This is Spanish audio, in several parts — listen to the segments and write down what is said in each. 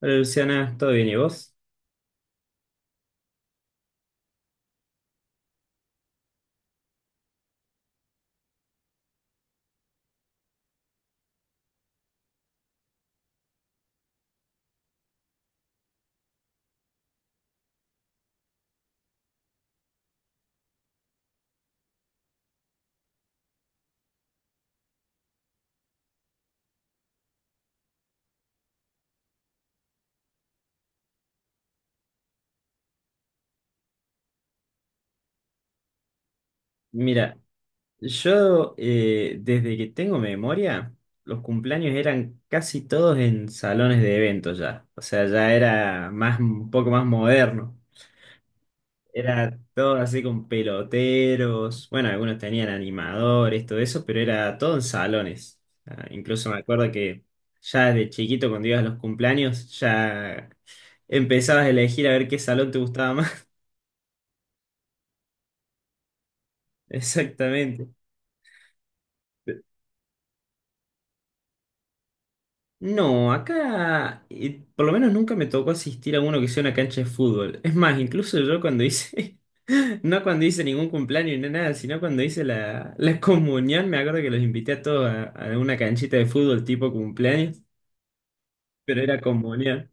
Hola Luciana, ¿todo bien y vos? Mira, yo desde que tengo memoria, los cumpleaños eran casi todos en salones de eventos ya. O sea, ya era más, un poco más moderno. Era todo así con peloteros. Bueno, algunos tenían animadores, todo eso, pero era todo en salones. Ah, incluso me acuerdo que ya de chiquito, cuando ibas a los cumpleaños, ya empezabas a elegir a ver qué salón te gustaba más. Exactamente. No, acá por lo menos nunca me tocó asistir a uno que sea una cancha de fútbol. Es más, incluso yo cuando hice, no cuando hice ningún cumpleaños ni nada, sino cuando hice la comunión, me acuerdo que los invité a todos a una canchita de fútbol tipo cumpleaños, pero era comunión.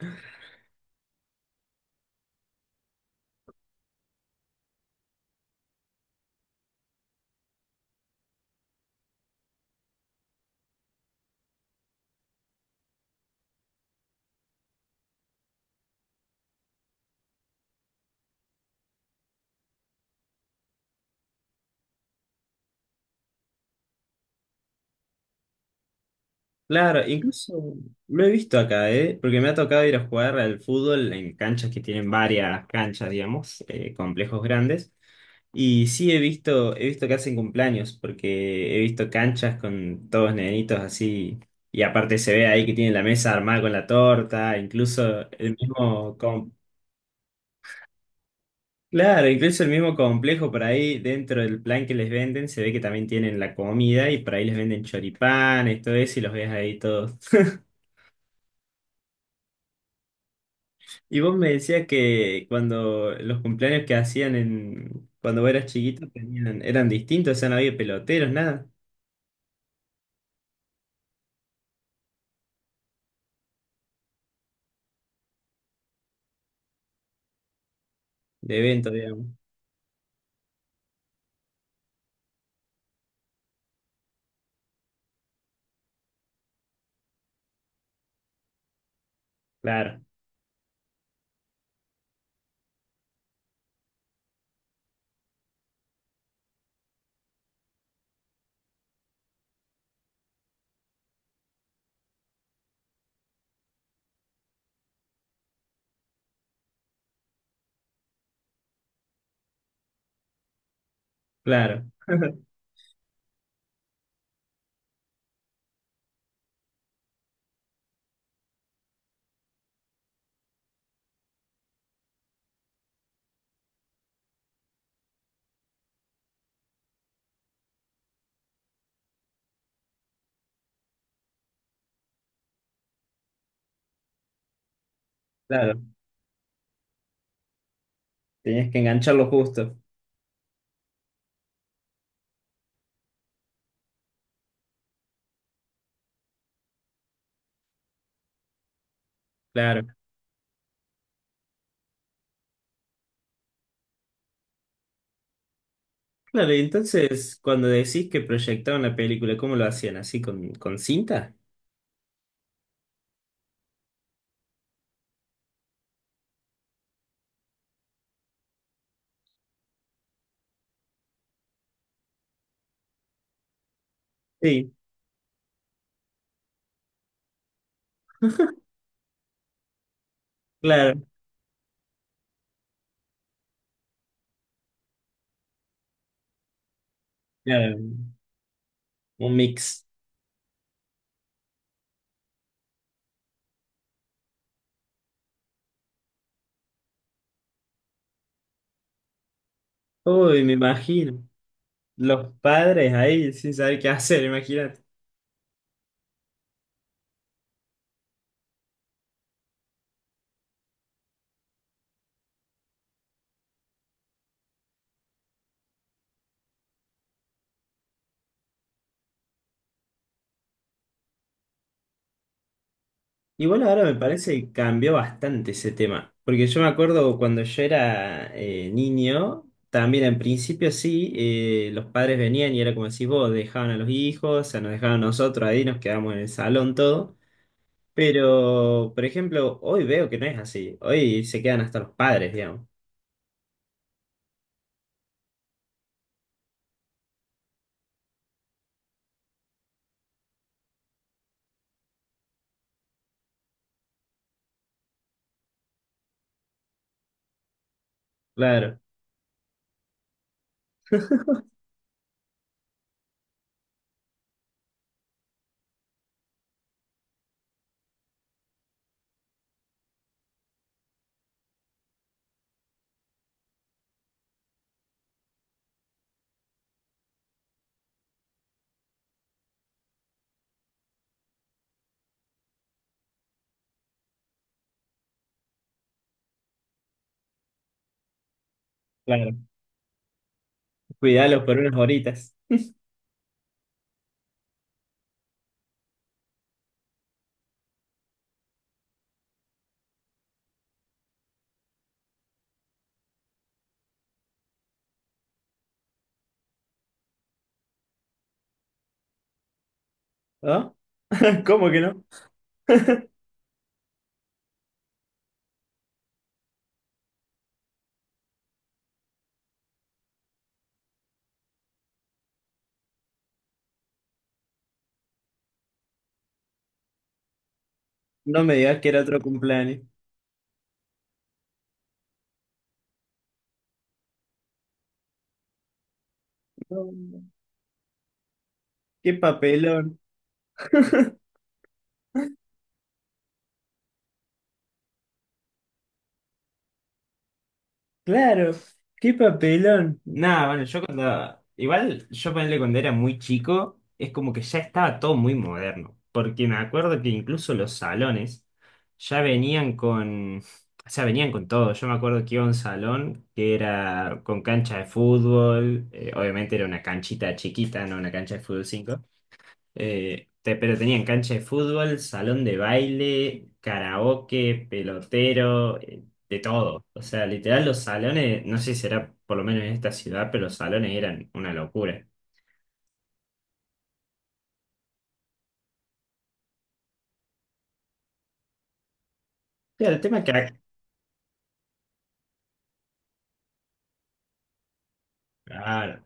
Claro, incluso lo he visto acá, ¿eh? Porque me ha tocado ir a jugar al fútbol en canchas que tienen varias canchas, digamos, complejos grandes. Y sí he visto que hacen cumpleaños, porque he visto canchas con todos nenitos así, y aparte se ve ahí que tienen la mesa armada con la torta, incluso el mismo, claro, incluso el mismo complejo por ahí dentro del plan que les venden, se ve que también tienen la comida y por ahí les venden choripanes, todo eso, y los ves ahí todos. Y vos me decías que cuando los cumpleaños que hacían en, cuando vos eras chiquito tenían, eran distintos, o sea, no había peloteros, nada, de evento, digamos. Claro, claro. Claro, tenías que engancharlo justo. Claro. Claro, y entonces cuando decís que proyectaban la película, ¿cómo lo hacían? ¿Así con cinta? Sí, claro, claro, un mix. Uy, me imagino. Los padres ahí sin saber qué hacer, imagínate. Igual ahora me parece que cambió bastante ese tema. Porque yo me acuerdo cuando yo era niño, también en principio sí, los padres venían y era como decís vos, dejaban a los hijos, o sea, nos dejaban a nosotros ahí, nos quedamos en el salón todo. Pero, por ejemplo, hoy veo que no es así. Hoy se quedan hasta los padres, digamos. Claro, claro. Cuidarlos por unas horitas. ¿No? ¿Cómo que no? No me digas que era otro cumpleaños. No, no. Qué papelón. Claro, qué papelón. Nada, bueno, yo cuando. Igual yo ponerle cuando era muy chico, es como que ya estaba todo muy moderno. Porque me acuerdo que incluso los salones ya venían con. O sea, venían con todo. Yo me acuerdo que iba a un salón que era con cancha de fútbol. Obviamente era una canchita chiquita, no una cancha de fútbol 5. Pero tenían cancha de fútbol, salón de baile, karaoke, pelotero, de todo. O sea, literal los salones, no sé si será por lo menos en esta ciudad, pero los salones eran una locura. Claro, el tema que. Claro,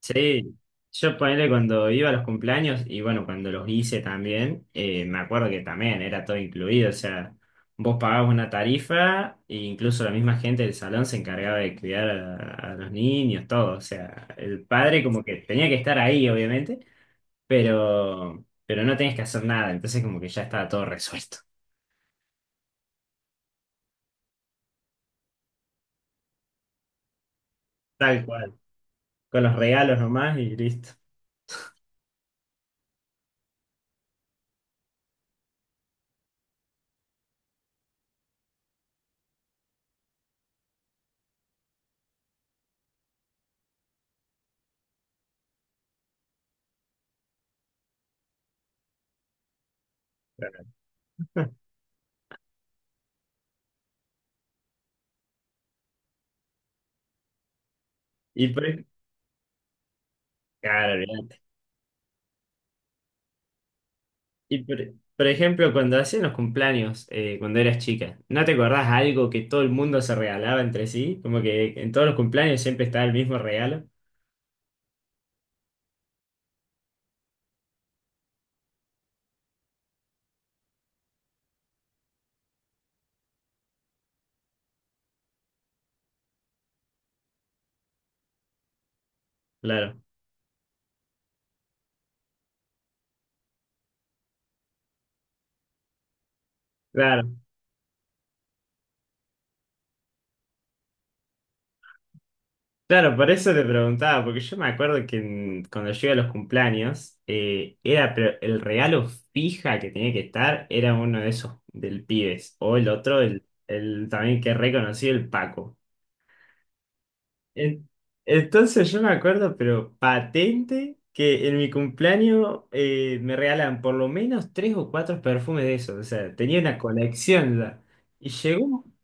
sí, yo ponele cuando iba a los cumpleaños y bueno, cuando los hice también, me acuerdo que también era todo incluido, o sea, vos pagabas una tarifa e incluso la misma gente del salón se encargaba de cuidar a los niños, todo, o sea, el padre como que tenía que estar ahí, obviamente, pero no tenías que hacer nada, entonces como que ya estaba todo resuelto, tal cual, con los regalos nomás y listo. Y claro, olvidate. Y por ejemplo, cuando hacían los cumpleaños, cuando eras chica, ¿no te acordás algo que todo el mundo se regalaba entre sí? Como que en todos los cumpleaños siempre estaba el mismo regalo. Claro, claro, claro, por eso te preguntaba, porque yo me acuerdo que cuando yo iba a los cumpleaños, era pero el regalo fija que tenía que estar, era uno de esos del Pibes, o el otro, el también que es reconocido, el Paco. En- Entonces yo me acuerdo, pero patente, que en mi cumpleaños me regalan por lo menos tres o cuatro perfumes de esos. O sea, tenía una colección ya. Y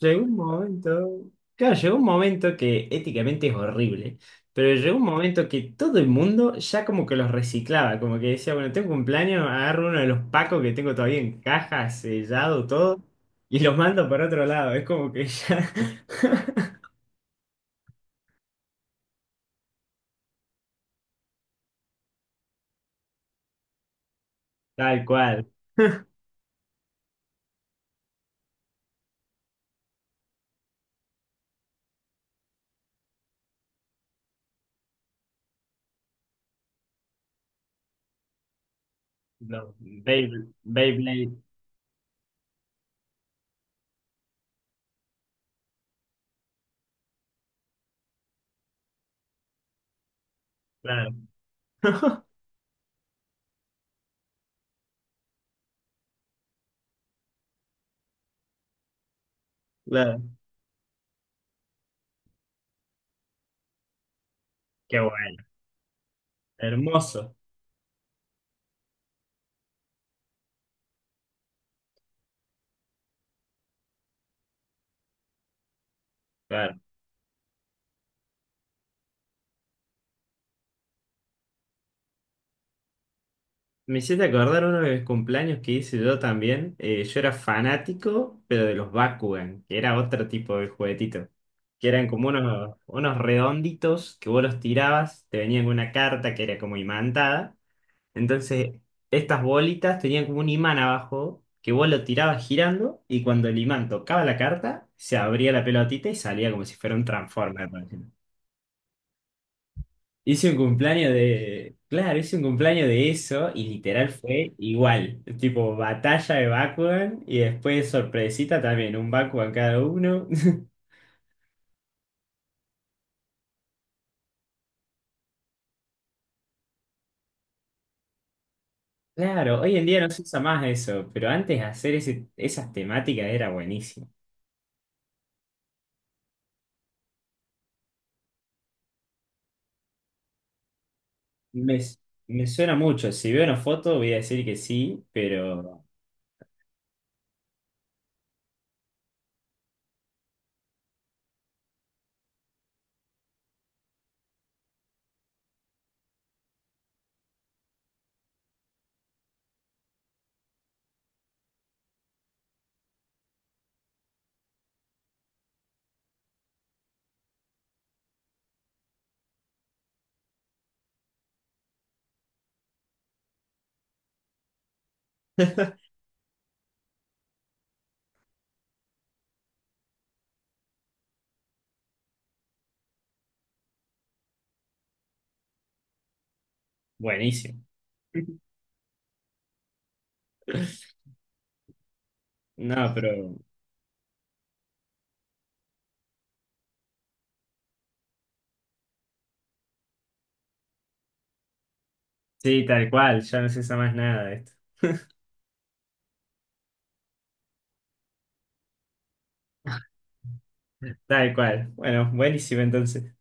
llegó un momento, claro, llegó un momento que éticamente es horrible, pero llegó un momento que todo el mundo ya como que los reciclaba, como que decía, bueno, tengo cumpleaños, agarro uno de los pacos que tengo todavía en caja, sellado, todo, y los mando para otro lado. Es como que ya, tal cual. Los Beyblade, claro. Claro. Qué bueno. Hermoso. Claro. Me hiciste acordar uno de mis cumpleaños que hice yo también. Yo era fanático, pero de los Bakugan, que era otro tipo de juguetito. Que eran como unos redonditos que vos los tirabas, te venían con una carta que era como imantada. Entonces, estas bolitas tenían como un imán abajo, que vos lo tirabas girando, y cuando el imán tocaba la carta, se abría la pelotita y salía como si fuera un Transformer. Hice un cumpleaños de. Claro, hice un cumpleaños de eso y literal fue igual. Tipo, batalla de Bakugan y después sorpresita también, un Bakugan cada uno. Claro, hoy en día no se usa más eso, pero antes hacer esas temáticas era buenísimo. Me, me suena mucho. Si veo una foto voy a decir que sí, pero buenísimo. No, pero sí, tal cual, ya no se usa más nada de esto. Tal cual. Bueno, buenísimo entonces.